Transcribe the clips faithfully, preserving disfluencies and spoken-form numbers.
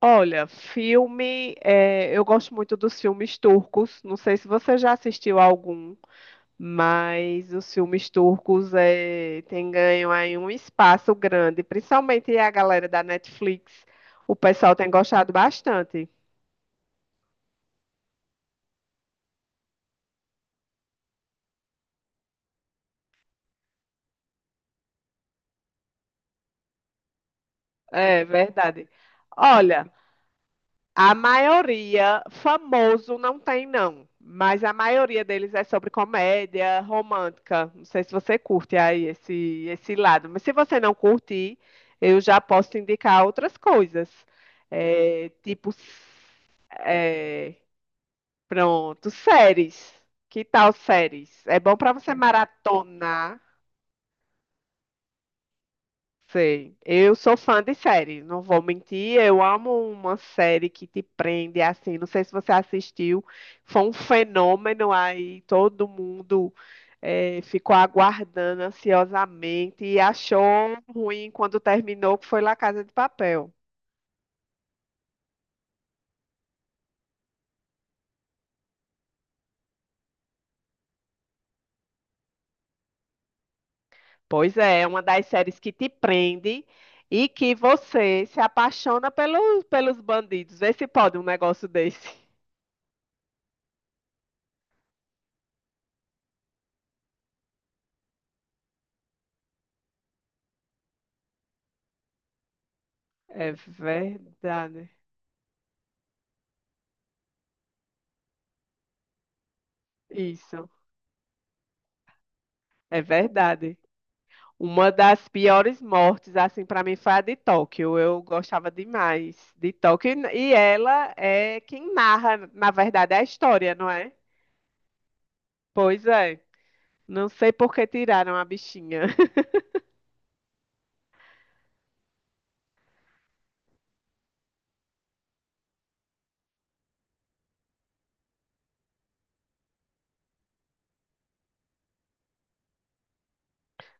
Olha, filme, eh, eu gosto muito dos filmes turcos. Não sei se você já assistiu algum, mas os filmes turcos eh, têm ganho aí um espaço grande, principalmente a galera da Netflix. O pessoal tem gostado bastante. É verdade. Olha, a maioria, famoso não tem, não. Mas a maioria deles é sobre comédia romântica. Não sei se você curte aí esse, esse lado. Mas se você não curtir, eu já posso te indicar outras coisas. É, tipo, é, pronto, séries. Que tal séries? É bom para você maratonar. Sei. Eu sou fã de série, não vou mentir. Eu amo uma série que te prende é assim. Não sei se você assistiu, foi um fenômeno aí. Todo mundo eh, ficou aguardando ansiosamente e achou ruim quando terminou, que foi La Casa de Papel. Pois é, é uma das séries que te prende e que você se apaixona pelo, pelos bandidos. Vê se pode um negócio desse. É verdade. Isso, é verdade. Uma das piores mortes, assim, para mim foi a de Tóquio. Eu gostava demais de Tóquio. E e ela é quem narra, na verdade, a história, não é? Pois é. Não sei por que tiraram a bichinha.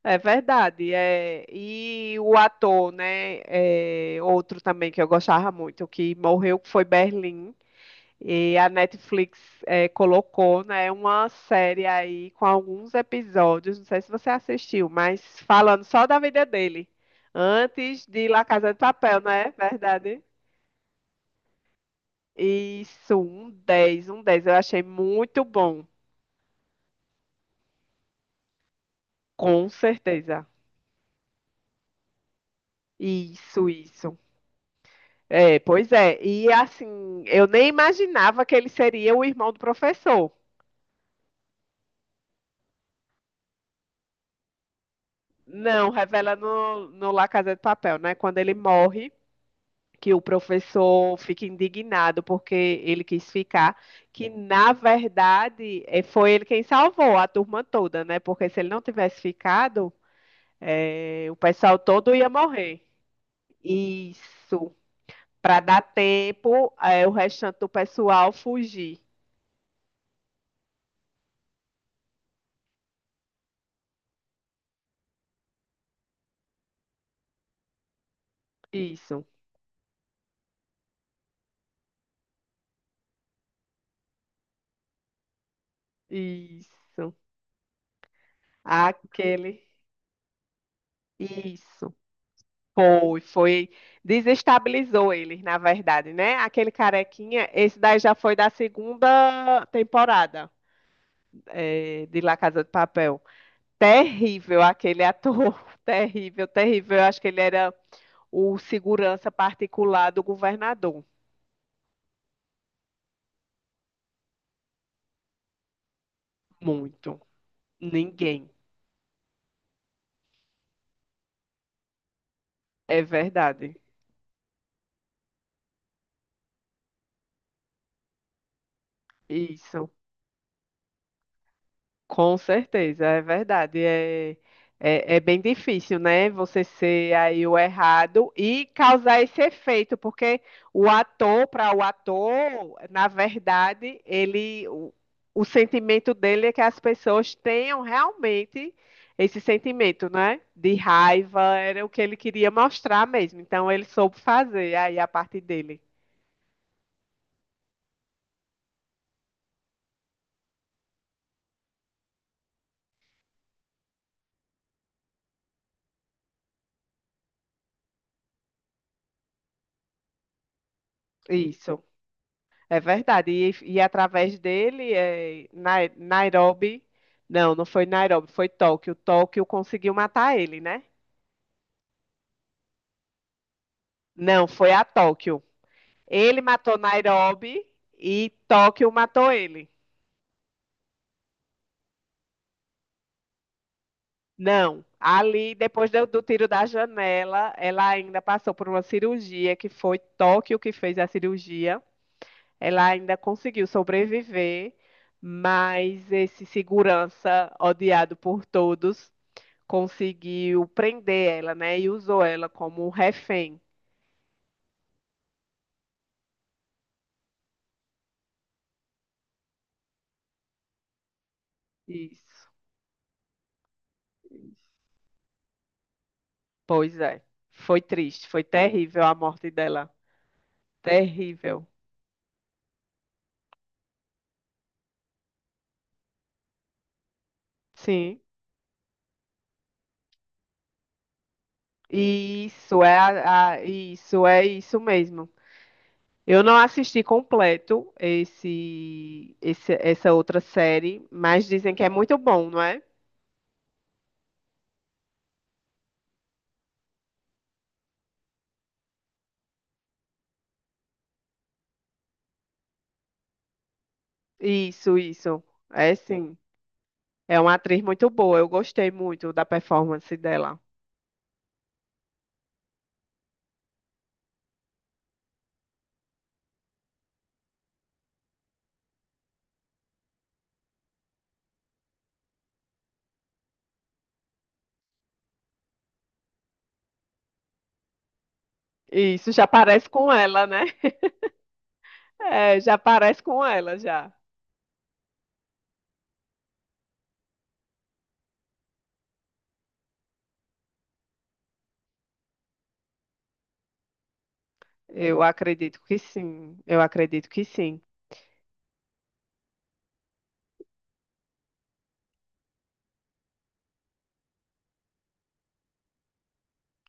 É verdade. É... E o ator, né? É, outro também que eu gostava muito, que morreu, que foi Berlim. E a Netflix eh, colocou, né, uma série aí com alguns episódios, não sei se você assistiu, mas falando só da vida dele, antes de La Casa de Papel, não é verdade? Isso, um dez, um dez. Eu achei muito bom, com certeza. Isso, isso. É, pois é, e assim, eu nem imaginava que ele seria o irmão do professor. Não, revela no, no La Casa de Papel, né, quando ele morre, que o professor fica indignado porque ele quis ficar, que na verdade eh, foi ele quem salvou a turma toda, né? Porque se ele não tivesse ficado, eh, o pessoal todo ia morrer. Isso, para dar tempo, eh, o restante do pessoal fugir. Isso, isso, aquele, isso. Foi, foi, desestabilizou eles, na verdade, né? Aquele carequinha, esse daí já foi da segunda temporada. É, de La Casa de Papel. Terrível aquele ator, terrível, terrível. Eu acho que ele era o segurança particular do governador. Muito. Ninguém. É verdade. Isso. Com certeza, é verdade. É, é, é bem difícil, né? Você ser aí o errado e causar esse efeito, porque o ator, para o ator, na verdade, ele, o, o sentimento dele é que as pessoas tenham realmente esse sentimento, né? De raiva, era o que ele queria mostrar mesmo. Então, ele soube fazer aí a parte dele. Isso. É verdade. E, e através dele, é, Nai- Nairobi. Não, não foi Nairobi, foi Tóquio. Tóquio conseguiu matar ele, né? Não, foi a Tóquio. Ele matou Nairobi e Tóquio matou ele. Não, ali, depois do, do tiro da janela, ela ainda passou por uma cirurgia, que foi Tóquio que fez a cirurgia. Ela ainda conseguiu sobreviver, mas esse segurança, odiado por todos, conseguiu prender ela, né? E usou ela como um refém. Isso. Pois é. Foi triste, foi terrível a morte dela. Terrível. Sim. Isso é a- a- isso é isso mesmo. Eu não assisti completo esse, esse- essa outra série, mas dizem que é muito bom, não é? Isso, isso. É sim. É uma atriz muito boa. Eu gostei muito da performance dela. Isso já parece com ela, né? É, já parece com ela, já. Eu acredito que sim. Eu acredito que sim.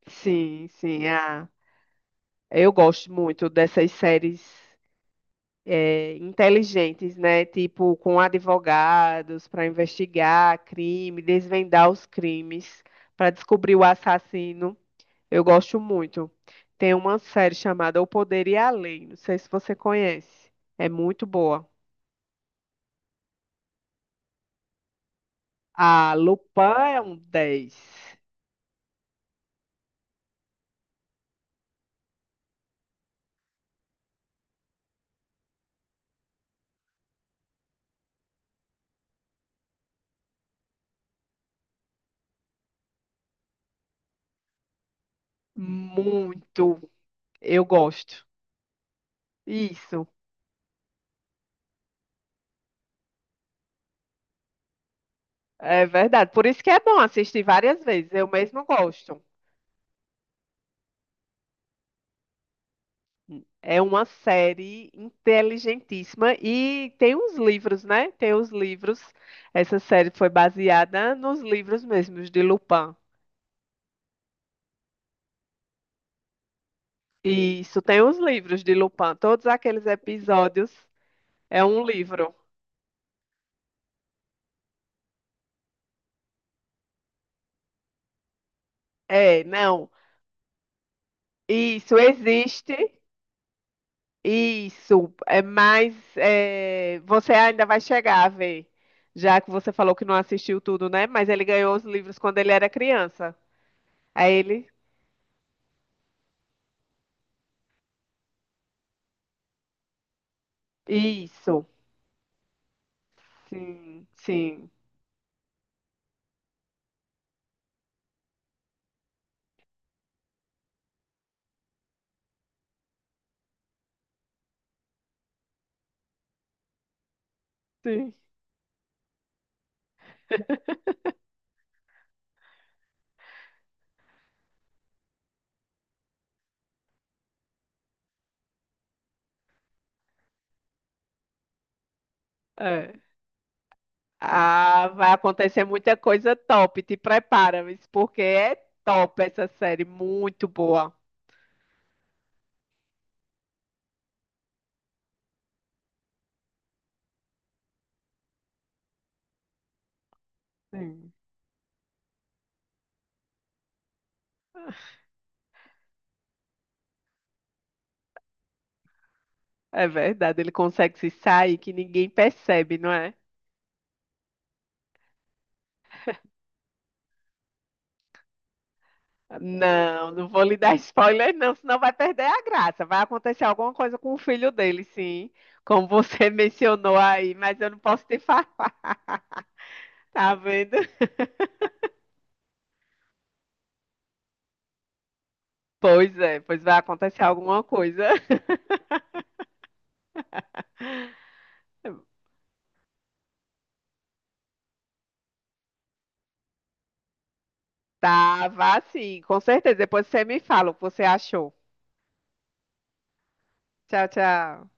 Sim, sim. Ah, eu gosto muito dessas séries, é, inteligentes, né? Tipo, com advogados para investigar crime, desvendar os crimes, para descobrir o assassino. Eu gosto muito. Tem uma série chamada O Poder e a Lei. Não sei se você conhece. É muito boa. A Lupin é um dez. Muito, eu gosto. Isso. É verdade. Por isso que é bom assistir várias vezes. Eu mesmo gosto. É uma série inteligentíssima e tem uns livros, né? Tem os livros. Essa série foi baseada nos livros mesmos de Lupin. Isso, tem os livros de Lupin. Todos aqueles episódios é um livro. É, não. Isso existe. Isso, é mais. É, você ainda vai chegar a ver, já que você falou que não assistiu tudo, né? Mas ele ganhou os livros quando ele era criança. Aí ele. Isso, sim, sim, sim. É. Ah, vai acontecer muita coisa top, te prepara, Miss, porque é top essa série, muito boa. Sim. É verdade, ele consegue se sair que ninguém percebe, não é? Não, não vou lhe dar spoiler, não, senão vai perder a graça. Vai acontecer alguma coisa com o filho dele, sim, como você mencionou aí, mas eu não posso te falar, tá vendo? Pois é, pois vai acontecer alguma coisa. Tá, vá sim, com certeza. Depois você me fala o que você achou. Tchau, tchau.